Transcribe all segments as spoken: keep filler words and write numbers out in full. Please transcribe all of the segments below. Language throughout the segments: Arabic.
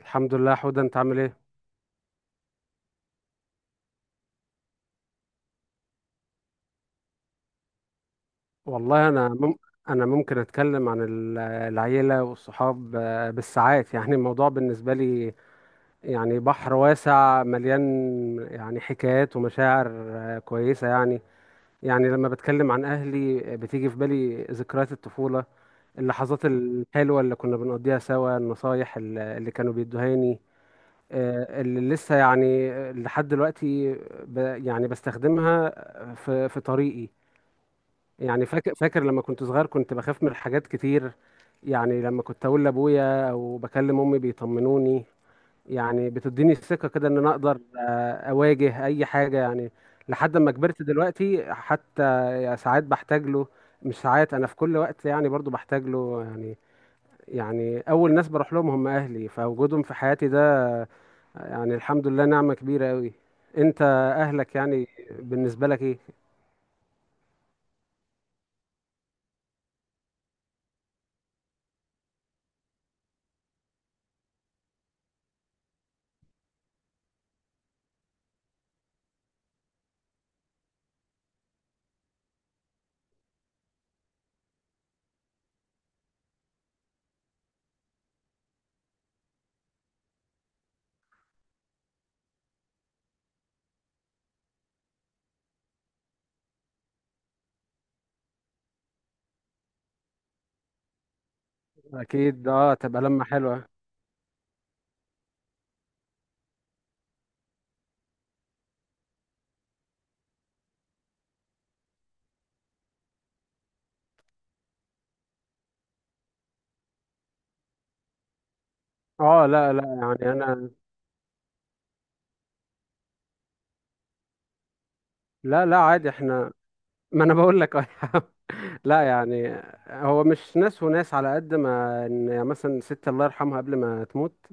الحمد لله حوده، انت عامل ايه؟ والله انا مم... انا ممكن اتكلم عن ال- العيله والصحاب، آه، بالساعات يعني الموضوع بالنسبه لي، يعني بحر واسع مليان يعني حكايات ومشاعر آه، كويسه يعني. يعني لما بتكلم عن اهلي آه، بتيجي في بالي ذكريات الطفوله، اللحظات الحلوه اللي كنا بنقضيها سوا، النصايح ال- اللي كانوا بيدوهاني آه، اللي لسه يعني آه، لحد دلوقتي ب... يعني بستخدمها آه، في في طريقي. يعني فاكر فاكر لما كنت صغير كنت بخاف من حاجات كتير، يعني لما كنت اقول لابويا او بكلم امي بيطمنوني، يعني بتديني الثقة كده ان انا اقدر آه، اواجه اي حاجة يعني. لحد ما كبرت دلوقتي حتى ساعات بحتاج له، مش ساعات، انا في كل وقت يعني برضو بحتاج له يعني. يعني اول ناس بروح لهم هم اهلي، فوجودهم في حياتي ده يعني الحمد لله نعمة كبيرة قوي. انت اهلك يعني بالنسبة لك ايه؟ اكيد اه، تبقى لمة حلوة. اه، لا لا يعني انا. لا لا عادي احنا. ما انا بقول لك اه يا عم. لا يعني، هو مش ناس وناس، على قد ما ان يعني مثلا ست الله يرحمها قبل ما تموت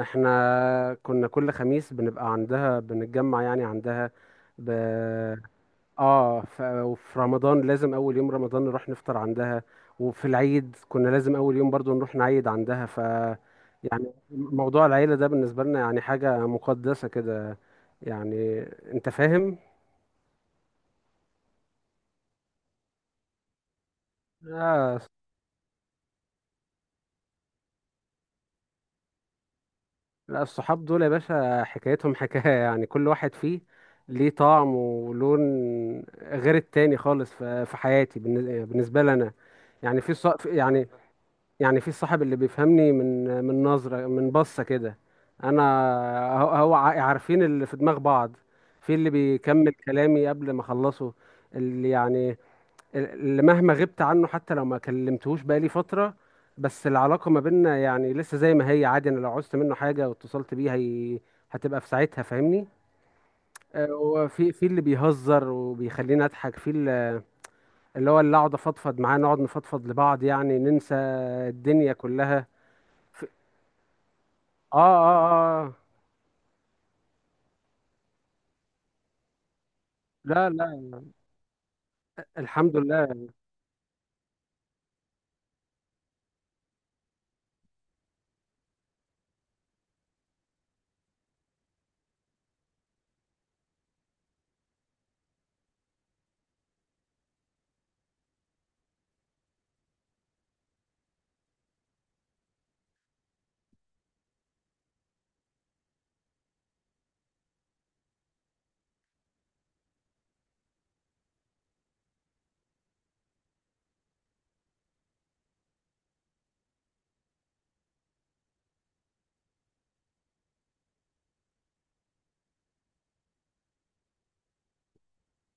احنا كنا كل خميس بنبقى عندها، بنتجمع يعني عندها ب... اه ف... وفي رمضان لازم اول يوم رمضان نروح نفطر عندها، وفي العيد كنا لازم اول يوم برضو نروح نعيد عندها، ف يعني موضوع العيلة ده بالنسبة لنا يعني حاجة مقدسة كده. يعني انت فاهم. لا لا، الصحاب دول يا باشا حكايتهم حكاية، يعني كل واحد فيه ليه طعم ولون غير التاني خالص ف- في حياتي بالن- بالنسبة لي أنا. يعني في ص... يعني، يعني في الصاحب اللي بيفهمني من من نظرة، من بصة كده. أنا، هو هو ع- عارفين اللي في دماغ بعض. في اللي بيكمل كلامي قبل ما أخلصه، اللي يعني اللي مهما غبت عنه حتى لو ما كلمتهوش بقالي فترة بس العلاقة ما بيننا يعني لسه زي ما هي عادي، انا لو عوزت منه حاجة واتصلت بيه هي... هتبقى في ساعتها فاهمني. آه، هو في في اللي بيهزر وبيخليني اضحك، في اللي اللي هو اللي اقعد افضفض معاه، نقعد نفضفض لبعض يعني ننسى الدنيا كلها. في... اه، اه. اه آه، لا لا الحمد لله.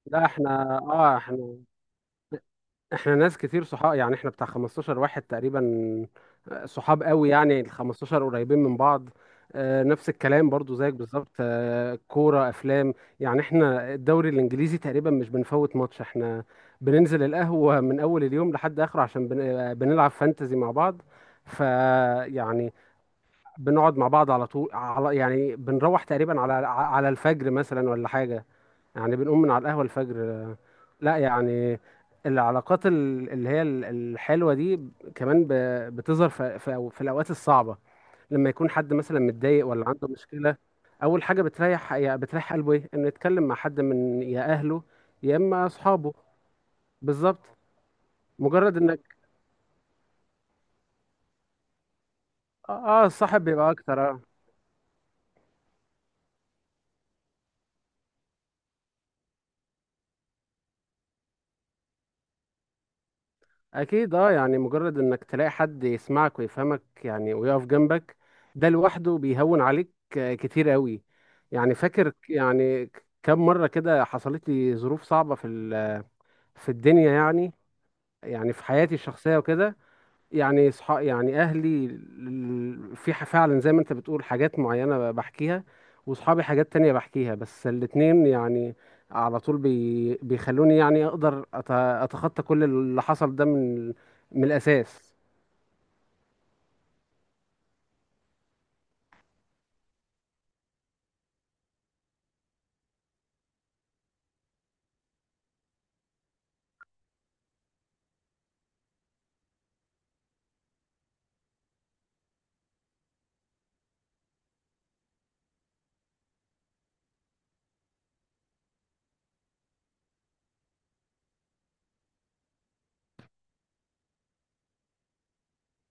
لا احنا اه احنا احنا ناس كتير صحاب، يعني احنا بتاع خمسة عشر واحد تقريبا. آه، صحاب قوي، يعني ال خمستاشر قريبين من بعض. آه، نفس الكلام برضو زيك بالظبط، آه، كورة، أفلام. يعني احنا الدوري الإنجليزي تقريبا مش بنفوت ماتش، احنا بننزل القهوة من أول اليوم لحد آخره عشان بن- آه، بنلعب فانتزي مع بعض. فيعني بنقعد مع بعض على طول، على يعني بنروح تقريبا على على الفجر مثلا ولا حاجة، يعني بنقوم من على القهوة الفجر. لا يعني العلاقات ال- اللي هي ال- الحلوة دي كمان ب- بتظهر في في في الأوقات الصعبة. لما يكون حد مثلا متضايق ولا عنده مشكلة، أول حاجة بتريح يا- بتريح قلبه إيه؟ إنه يتكلم مع حد من يا أهله يا إما أصحابه. بالظبط، مجرد إنك آه، آه، الصاحب بيبقى أكتر. اكيد اه، يعني مجرد انك تلاقي حد يسمعك ويفهمك يعني ويقف جنبك، ده لوحده بيهون عليك آه، كتير قوي. يعني فاكر ك- يعني ك- كم مرة كده حصلت لي ظروف صعبة في ال- في الدنيا يعني، يعني في حياتي الشخصية وكده. يعني صح، يعني اهلي ال- في ح- فعلا زي ما انت بتقول حاجات معينه ب- بحكيها، واصحابي حاجات تانية بحكيها، بس الاتنين يعني على طول بي بيخلوني يعني اقدر أت- اتخطى كل اللي حصل ده من من الاساس.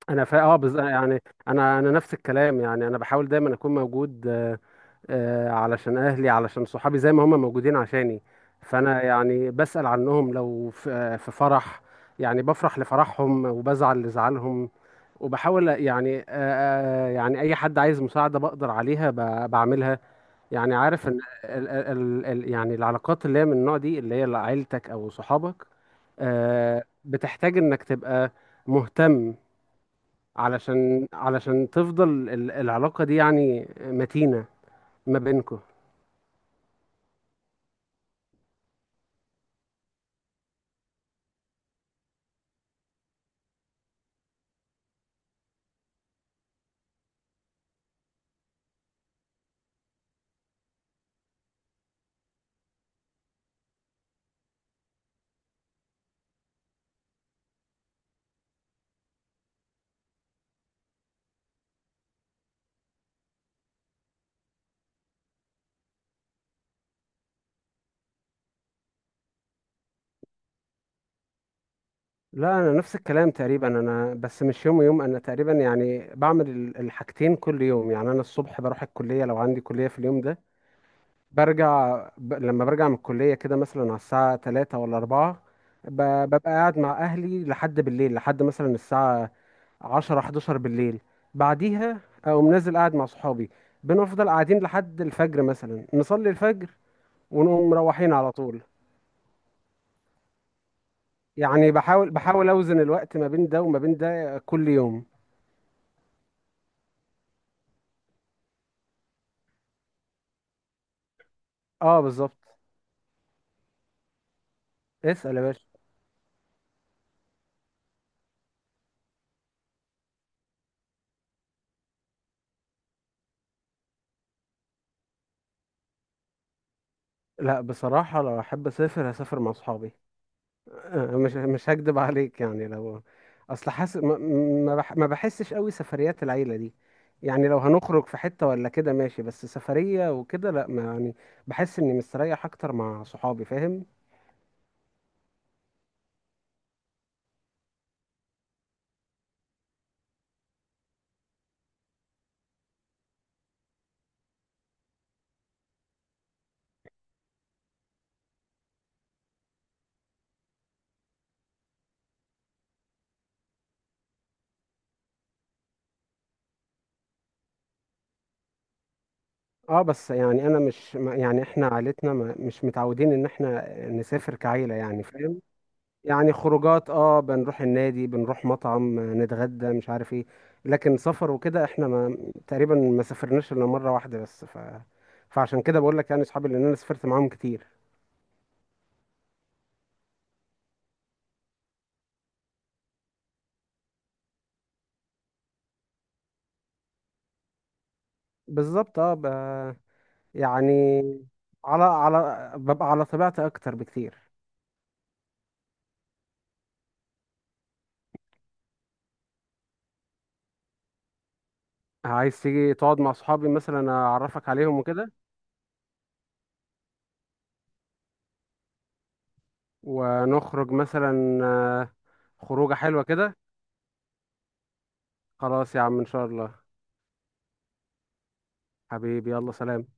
انا فا اه بز... يعني انا انا نفس الكلام، يعني انا بحاول دايما اكون موجود آه، آه، علشان اهلي علشان صحابي زي ما هم موجودين عشاني. فانا يعني بسأل عنهم، لو في آه، في فرح يعني بفرح لفرحهم وبزعل لزعلهم، وبحاول يعني آه، يعني اي حد عايز مساعده بقدر عليها ب- بعملها. يعني عارف ان ال ال ال يعني العلاقات اللي هي من النوع دي اللي هي عيلتك او صحابك آه، بتحتاج انك تبقى مهتم، علشان علشان تفضل ال- العلاقه دي يعني متينه ما بينكم. لا انا نفس الكلام تقريبا، انا بس مش يوم ويوم، انا تقريبا يعني بعمل ال- الحاجتين كل يوم. يعني انا الصبح بروح الكليه لو عندي كليه في اليوم ده، برجع ب... لما برجع من الكلية كده مثلا على الساعة تلاتة ولا أربعة ب... ببقى قاعد مع أهلي لحد بالليل، لحد مثلا الساعة عشرة حداشر بالليل، بعديها أقوم نازل قاعد مع صحابي، بنفضل قاعدين لحد الفجر مثلا، نصلي الفجر ونقوم مروحين على طول. يعني بحاول بحاول أوزن الوقت ما بين ده وما بين ده كل يوم. اه بالظبط. اسأل يا باشا. لا بصراحة لو أحب أسافر هسافر مع صحابي، آه، مش مش هكدب عليك، يعني لو اصل حاسس ما ما بح- ما بحسش قوي سفريات العيله دي. يعني لو هنخرج في حته ولا كده ماشي، بس سفريه وكده لا ما يعني بحس اني مستريح اكتر مع صحابي، فاهم. اه بس يعني انا مش ما- يعني احنا عائلتنا ما- مش متعودين ان احنا نسافر كعيله، يعني فاهم. يعني خروجات اه بنروح النادي بنروح مطعم آه، نتغدى مش عارف ايه، لكن سفر وكده احنا ما تقريبا ما سافرناش الا مره واحده بس، ف فعشان كده بقول لك يعني اصحابي لان انا سافرت معاهم كتير. بالظبط اه ب... يعني على على ببقى على طبيعتي اكتر بكتير. عايز تيجي تقعد مع صحابي مثلا اعرفك عليهم وكده، ونخرج مثلا آه، خروجه حلوه كده. خلاص يا عم ان شاء الله. حبيبي يلا سلام.